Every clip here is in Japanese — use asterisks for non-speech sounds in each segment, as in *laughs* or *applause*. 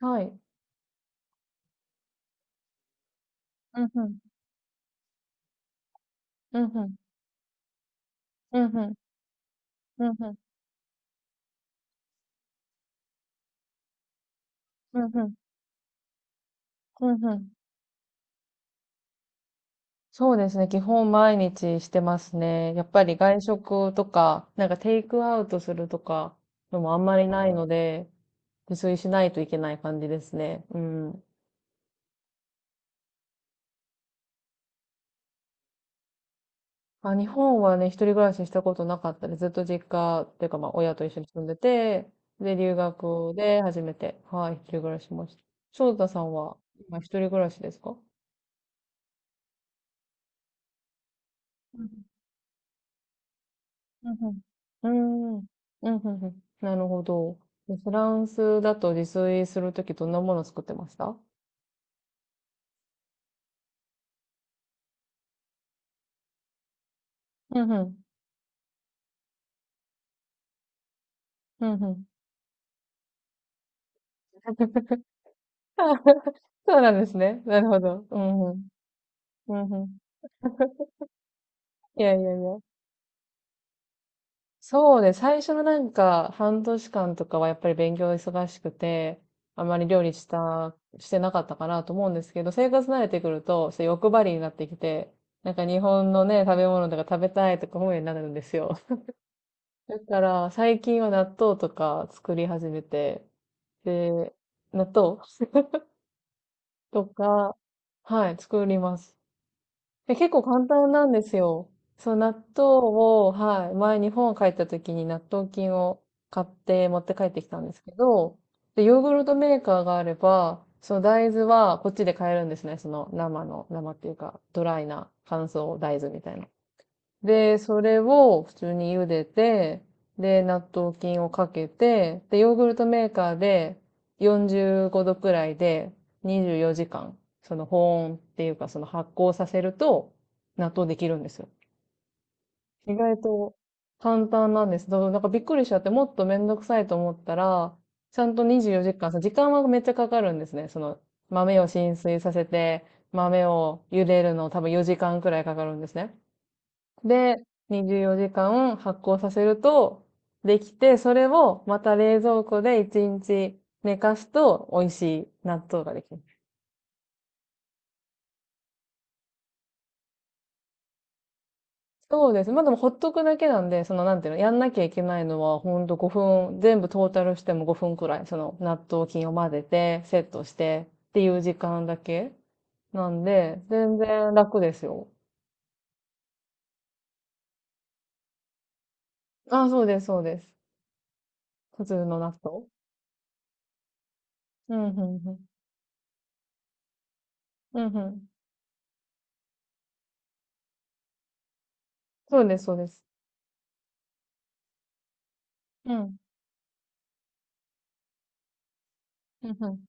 はい。うんうん。うんうん。うんうん。うんうん。うんうん。うんうん。そうですね。基本毎日してますね。やっぱり外食とか、なんかテイクアウトするとかのもあんまりないので、自炊しないといけない感じですね。うん。まあ、日本はね、一人暮らししたことなかったりずっと実家っていうか、まあ、親と一緒に住んでて、で、留学で初めて、はい、一人暮らししました。翔太さんは、今一人暮らしですか？うんうん。うーん。うんうんうん。なるほど。でフランスだと自炊するときどんなもの作ってました？うんうん。うんうん。*laughs* そうなんですね。なるほど。うんうん。うんうん。いやいやいや。そうね。最初のなんか半年間とかはやっぱり勉強忙しくて、あまり料理した、してなかったかなと思うんですけど、生活慣れてくると、そう欲張りになってきて、なんか日本のね、食べ物とか食べたいとか思うようになるんですよ。だから、最近は納豆とか作り始めて、で、納豆とか、はい、作ります。で、結構簡単なんですよ。そう、納豆を、はい、前日本帰った時に納豆菌を買って持って帰ってきたんですけど、で、ヨーグルトメーカーがあれば、その大豆はこっちで買えるんですね。その生の、生っていうか、ドライな乾燥大豆みたいな。で、それを普通に茹でて、で、納豆菌をかけて、で、ヨーグルトメーカーで45度くらいで24時間、その保温っていうかその発酵させると納豆できるんですよ。意外と簡単なんです。だからびっくりしちゃって、もっとめんどくさいと思ったら、ちゃんと24時間、時間はめっちゃかかるんですね。その豆を浸水させて、豆を茹でるの多分4時間くらいかかるんですね。で、24時間発酵させると、できて、それをまた冷蔵庫で1日寝かすと美味しい納豆ができる。そうです。まあでもほっとくだけなんで、そのなんていうの、やんなきゃいけないのはほんと5分、全部トータルしても5分くらい、その納豆菌を混ぜて、セットしてっていう時間だけなんで、全然楽ですよ。あ、そうです、そうです。普通の納豆。うん、うん、うん。うん、うん。そうです、そうです。うん、うん、うん。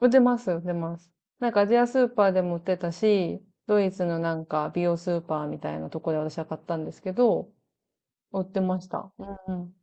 売ってます、売ってます。なんかアジアスーパーでも売ってたし、ドイツのなんか美容スーパーみたいなとこで私は買ったんですけど、売ってました。うんうん。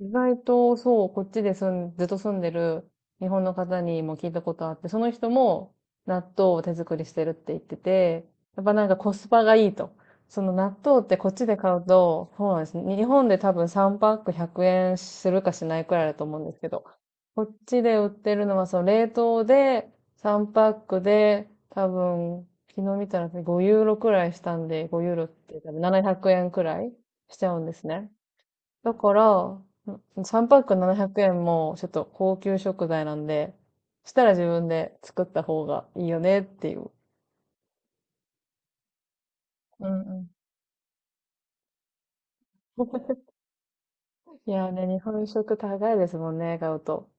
意外と、そう、こっちで住ん、ずっと住んでる日本の方にも聞いたことあって、その人も納豆を手作りしてるって言ってて、やっぱなんかコスパがいいと。その納豆ってこっちで買うと、そうなんですね、日本で多分3パック100円するかしないくらいだと思うんですけど、こっちで売ってるのはその冷凍で3パックで多分昨日見たら5ユーロくらいしたんで、5ユーロって多分700円くえんくらいしちゃうんですね。だから、3パック700円もちょっと高級食材なんで、そしたら自分で作った方がいいよねっていう。うんうん。*laughs* いやーね、日本食高いですもんね、買うと。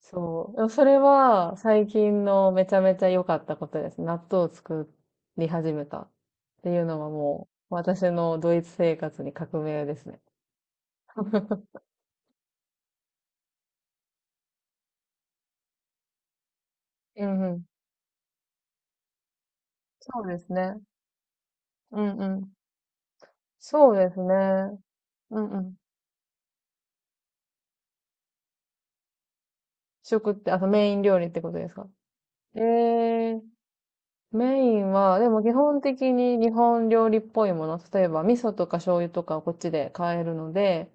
そう。でもそれは最近のめちゃめちゃ良かったことです。納豆を作り始めたっていうのはもう私のドイツ生活に革命ですね。*laughs* うんうん。そうですね。うんうん。そうですね。うんうん。食って、あのメイン料理ってことですか？えー、メインは、でも基本的に日本料理っぽいもの、例えば味噌とか醤油とかをこっちで買えるので、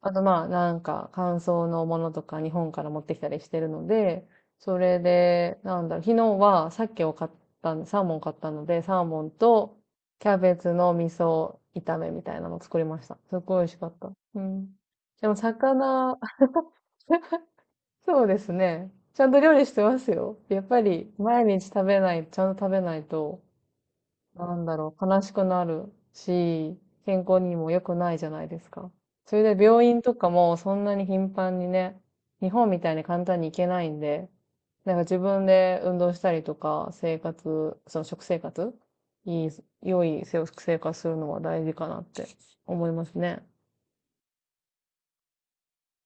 あとまあなんか乾燥のものとか日本から持ってきたりしてるので、それで、なんだろう、昨日は鮭を買ったん、サーモン買ったので、サーモンとキャベツの味噌炒めみたいなのを作りました。すごい美味しかった。うん。でも魚、そうですね。ちゃんと料理してますよ。やっぱり毎日食べない、ちゃんと食べないと、なんだろう、悲しくなるし、健康にも良くないじゃないですか。それで病院とかもそんなに頻繁にね、日本みたいに簡単に行けないんで、なんか自分で運動したりとか、生活、その食生活、いい、良い食生活するのは大事かなって思いますね。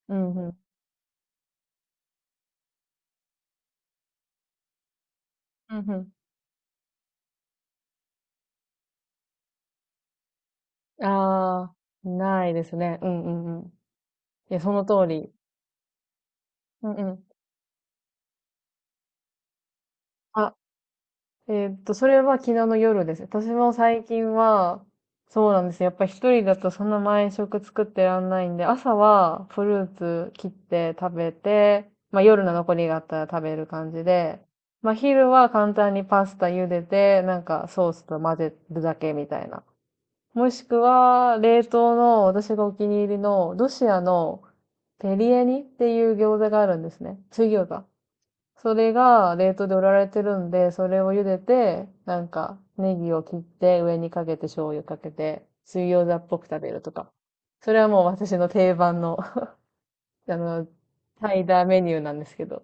うんうん。うんうん。ああ、ないですね。うんうんうん。いや、その通り。うんうん。あ、それは昨日の夜です。私も最近は、そうなんですよ。やっぱり一人だとそんな毎食作ってらんないんで、朝はフルーツ切って食べて、まあ夜の残りがあったら食べる感じで、まあ昼は簡単にパスタ茹でて、なんかソースと混ぜるだけみたいな。もしくは、冷凍の私がお気に入りのロシアのペリエニっていう餃子があるんですね。水餃子。それが冷凍で売られてるんで、それを茹でて、なんか、ネギを切って上にかけて醤油かけて、水餃子っぽく食べるとか。それはもう私の定番の *laughs* あの、サイダーメニューなんですけど。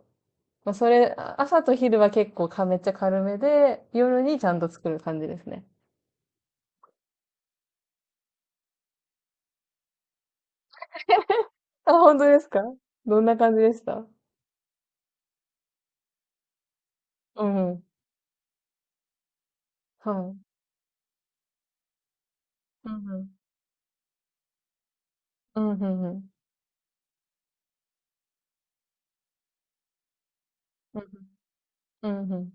まあ、それ、あ朝と昼は結構かめっちゃ軽めで、夜にちゃんと作る感じですね。あ、本当ですか？どんな感じでした？うん。はい。うんうん。うんうんうん。うんうん。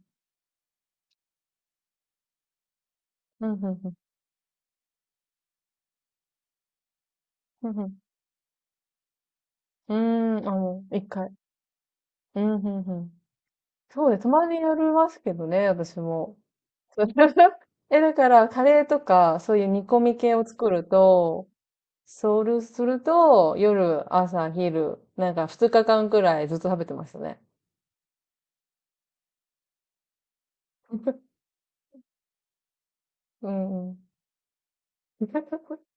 うんうんうん。うんうんうん。うーん、あ、もう、一回。うんうんうん。そうです。たまにやりますけどね、私も。*laughs* え、だから、カレーとか、そういう煮込み系を作ると、そうすると、夜、朝、昼、なんか2日間くらいずっと食べてましたね。うんうん。*laughs*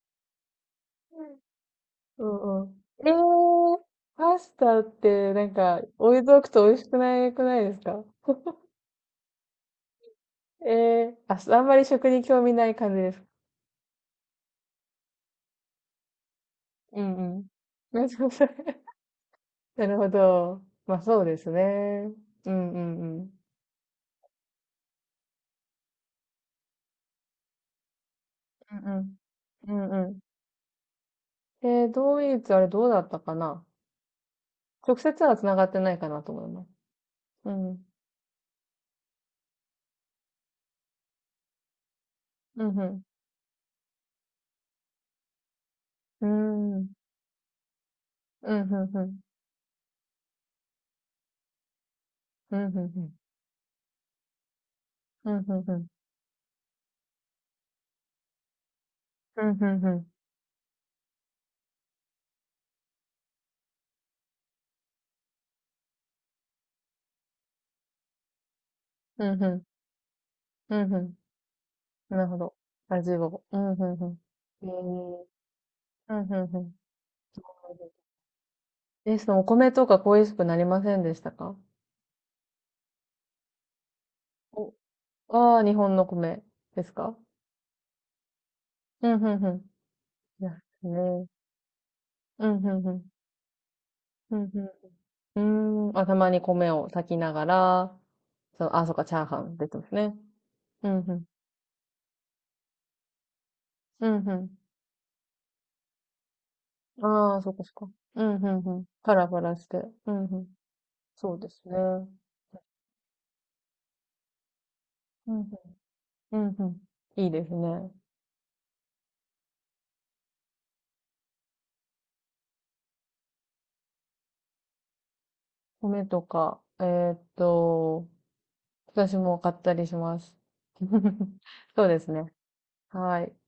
うんうん。パスタって、なんか、置いとくと美味しくないくないですか？えー、あ、あんまり食に興味ない感じです。うんうん。*laughs* そうそうなるほど。まあそうですね。うんうんうん。うんうん。うんうん。ドイツ、あれどうだったかな？直接は繋がってないかなと思います。うん。うんうん。うん。うんうんうん。うんうんうん。うんうんうん。うんうんうん。うんうん。うんうん。なるほど。あじオ。うんうんうん。えー、うんうんうん。え、そのお米とか恋しくなりませんでしたか？お、ああー、日本の米ですか？うんうんうん。いやねうん、うん、うん。うん、うん。うーん。あ、たまに米を炊きながら、そう、あ、そっか、チャーハン出てますね。うん、うん。うん、うん。ああ、そっか、そっか。うん、うん、うん。パラパラして。うん、うん。そうですね。うん、うん。うん、うん。いいですね。米とか、私も買ったりします。*laughs* そうですね。はい。